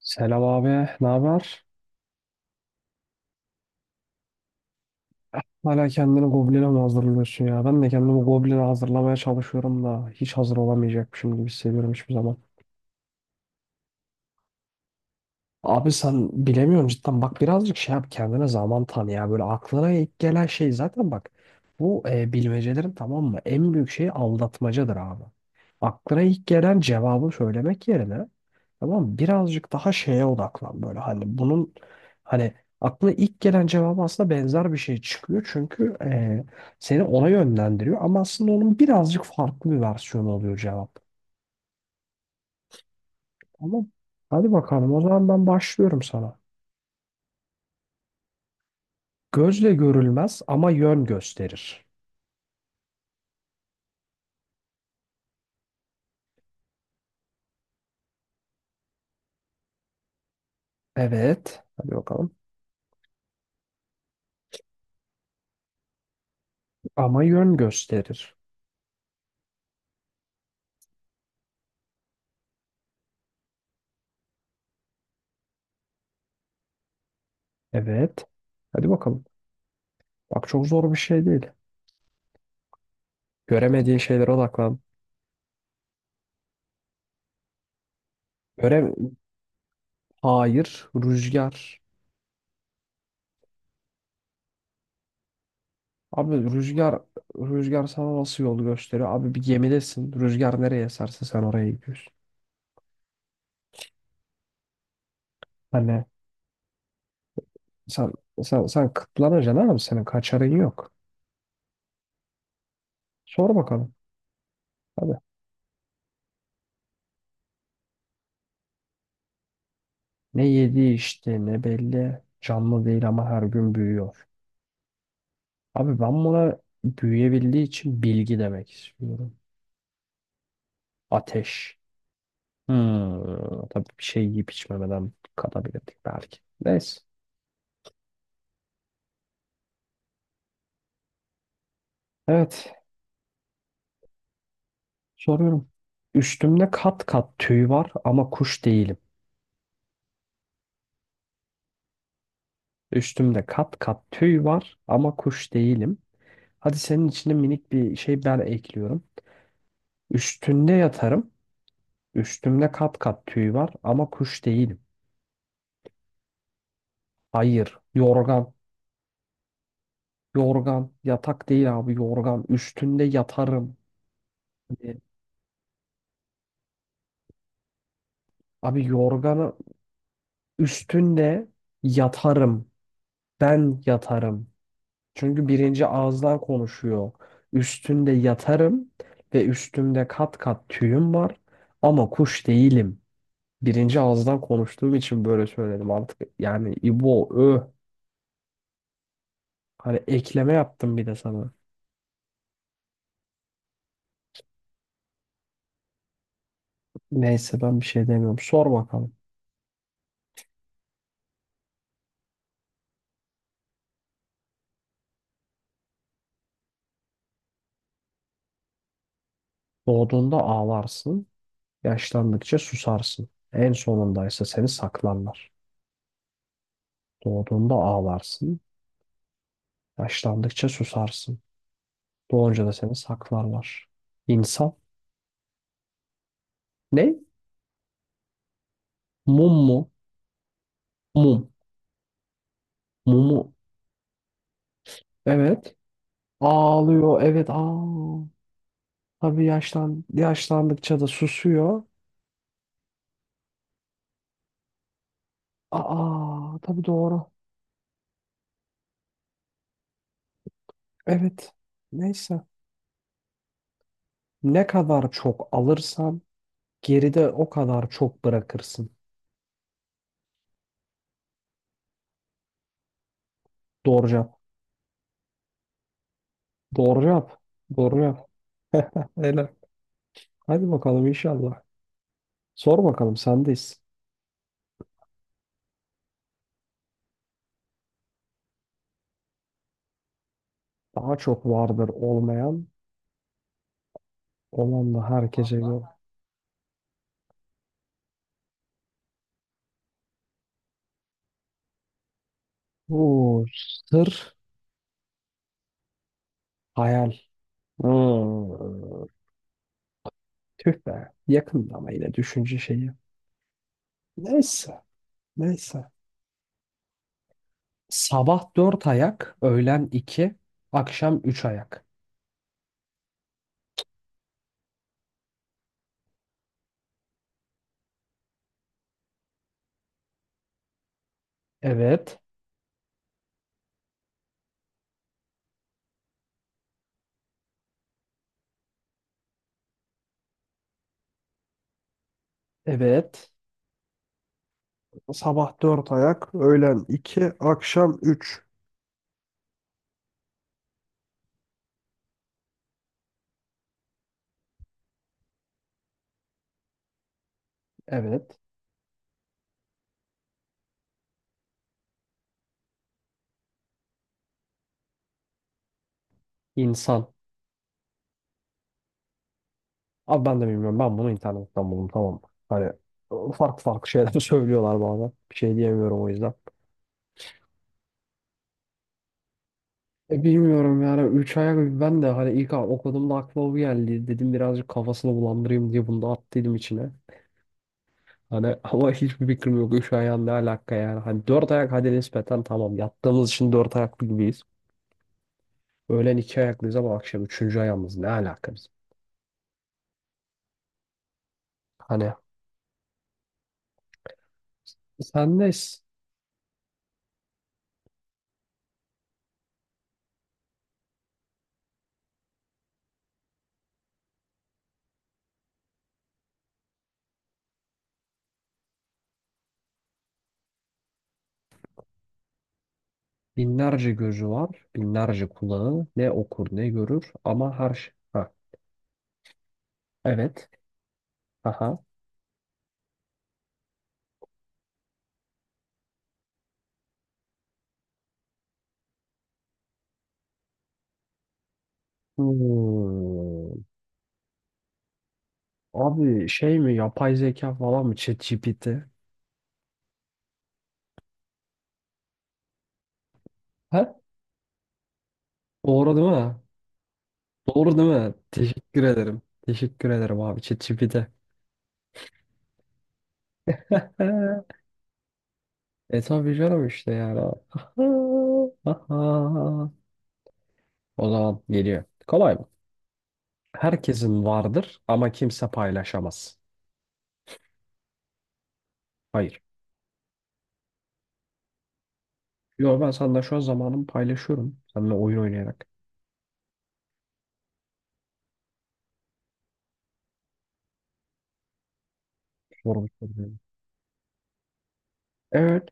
Selam abi, ne haber? Hala kendini goblin'e mi hazırlıyorsun ya? Ben de kendimi goblin'e hazırlamaya çalışıyorum da hiç hazır olamayacakmışım gibi hissediyorum hiçbir zaman. Abi sen bilemiyorum cidden. Bak birazcık şey yap kendine zaman tanı ya. Böyle aklına ilk gelen şey zaten bak. Bu bilmecelerin tamam mı? En büyük şeyi aldatmacadır abi. Aklına ilk gelen cevabı söylemek yerine tamam mı? Birazcık daha şeye odaklan böyle. Hani bunun hani aklına ilk gelen cevabı aslında benzer bir şey çıkıyor. Çünkü seni ona yönlendiriyor. Ama aslında onun birazcık farklı bir versiyonu oluyor cevap. Tamam. Hadi bakalım o zaman ben başlıyorum sana. Gözle görülmez ama yön gösterir. Evet. Hadi bakalım. Ama yön gösterir. Evet. Hadi bakalım. Bak çok zor bir şey değil. Göremediğin şeylere odaklan. Göre hayır. Rüzgar. Abi rüzgar sana nasıl yol gösteriyor? Abi bir gemidesin. Rüzgar nereye eserse sen oraya gidiyorsun. Hani sen sen kıtlanacaksın abi. Senin kaçarın yok. Sor bakalım. Hadi. Ne yedi işte ne belli. Canlı değil ama her gün büyüyor. Abi ben buna büyüyebildiği için bilgi demek istiyorum. Ateş. Hmm, tabii bir şey yiyip içmemeden katabilirdik belki. Neyse. Evet. Soruyorum. Üstümde kat kat tüy var ama kuş değilim. Üstümde kat kat tüy var ama kuş değilim. Hadi senin içine minik bir şey ben ekliyorum. Üstünde yatarım. Üstümde kat kat tüy var ama kuş değilim. Hayır. Yorgan. Yorgan. Yatak değil abi yorgan. Üstünde yatarım. E, Abi yorganı üstünde yatarım. Ben yatarım. Çünkü birinci ağızdan konuşuyor. Üstünde yatarım ve üstümde kat kat tüyüm var ama kuş değilim. Birinci ağızdan konuştuğum için böyle söyledim artık. Yani İbo, öh. Hani ekleme yaptım bir de sana. Neyse ben bir şey demiyorum. Sor bakalım. Doğduğunda ağlarsın, yaşlandıkça susarsın. En sonundaysa seni saklarlar. Doğduğunda ağlarsın, yaşlandıkça susarsın. Doğunca da seni saklarlar. İnsan ne? Mum mu? Mum. Mumu. Evet. Ağlıyor. Evet. Aa. Tabii yaşlandıkça da susuyor. Aa, tabii doğru. Evet. Neyse. Ne kadar çok alırsan geride o kadar çok bırakırsın. Doğru cevap. Doğru cevap. Doğru cevap. Helal. Hadi bakalım inşallah. Sor bakalım sendeyiz. Daha çok vardır olmayan. Olan da herkese vallahi göre. Oo, sır, hayal. Hmm. Tüh be. Yakında ama yine düşünce şeyi. Neyse. Neyse. Sabah dört ayak, öğlen iki, akşam üç ayak. Evet. Evet. Sabah dört ayak, öğlen iki, akşam üç. Evet. İnsan. Abi ben de bilmiyorum. Ben bunu internetten buldum, tamam mı? Hani farklı farklı şeyler söylüyorlar bazen. Bir şey diyemiyorum o yüzden. Bilmiyorum yani 3 ayak ben de hani ilk okuduğumda aklıma bu geldi. Dedim birazcık kafasını bulandırayım diye bunu da attıydım içine. Hani ama hiçbir fikrim yok 3 ayağın ne alaka yani. Hani dört ayak hadi nispeten tamam, yattığımız için 4 ayaklı gibiyiz. Öğlen 2 ayaklıyız ama akşam üçüncü ayağımız ne alaka bizim. Hani sen ne s- binlerce gözü var binlerce kulağı ne okur ne görür ama her şey. Ha, evet. Aha. Hmm. Abi şey mi, yapay zeka falan mı, ChatGPT? Ha? Doğru değil mi? Doğru değil mi? Teşekkür ederim. Teşekkür ederim abi. ChatGPT. E tabii canım işte yani. O zaman geliyor. Kolay mı? Herkesin vardır ama kimse paylaşamaz. Hayır. Yo, ben senden şu an zamanımı paylaşıyorum. Seninle oyun oynayarak. Soru soruyorum. Evet.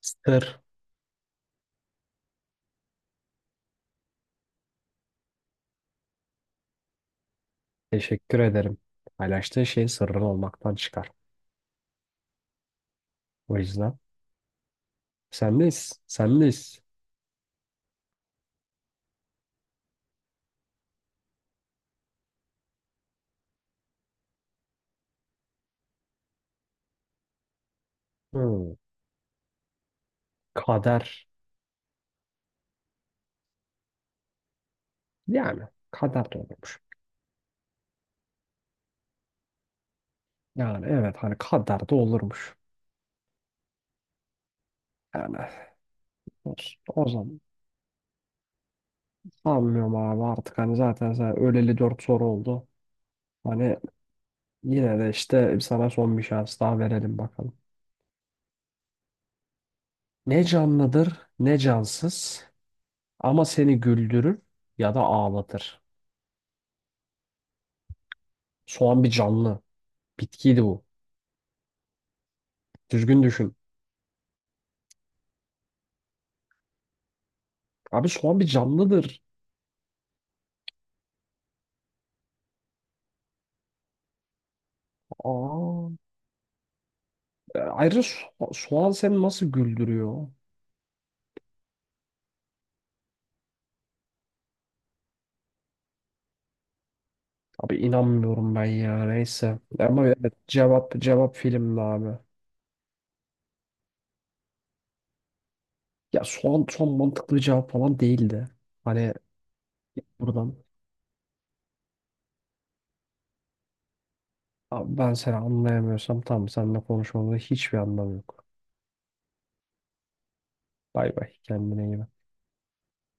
Sır. Teşekkür ederim. Paylaştığın şey sırrın olmaktan çıkar. O yüzden sendeyiz. Sendeyiz. Hmm. Kader. Yani kader de olurmuş. Yani evet hani kader de olurmuş. Yani o, o zaman sanmıyorum abi artık, hani zaten sen öleli 4 soru oldu. Hani yine de işte sana son bir şans daha verelim bakalım. Ne canlıdır ne cansız ama seni güldürür ya da ağlatır. Soğan bir canlı. Bitkiydi bu. Düzgün düşün. Abi soğan bir canlıdır. Aa, ayrıca soğan seni nasıl güldürüyor? Abi inanmıyorum ben ya, neyse. Ama evet cevap filmdi abi. Ya son mantıklı cevap falan değildi. Hani buradan abi ben seni anlayamıyorsam tamam, seninle konuşmamda hiçbir anlam yok. Bay bay, kendine iyi bak.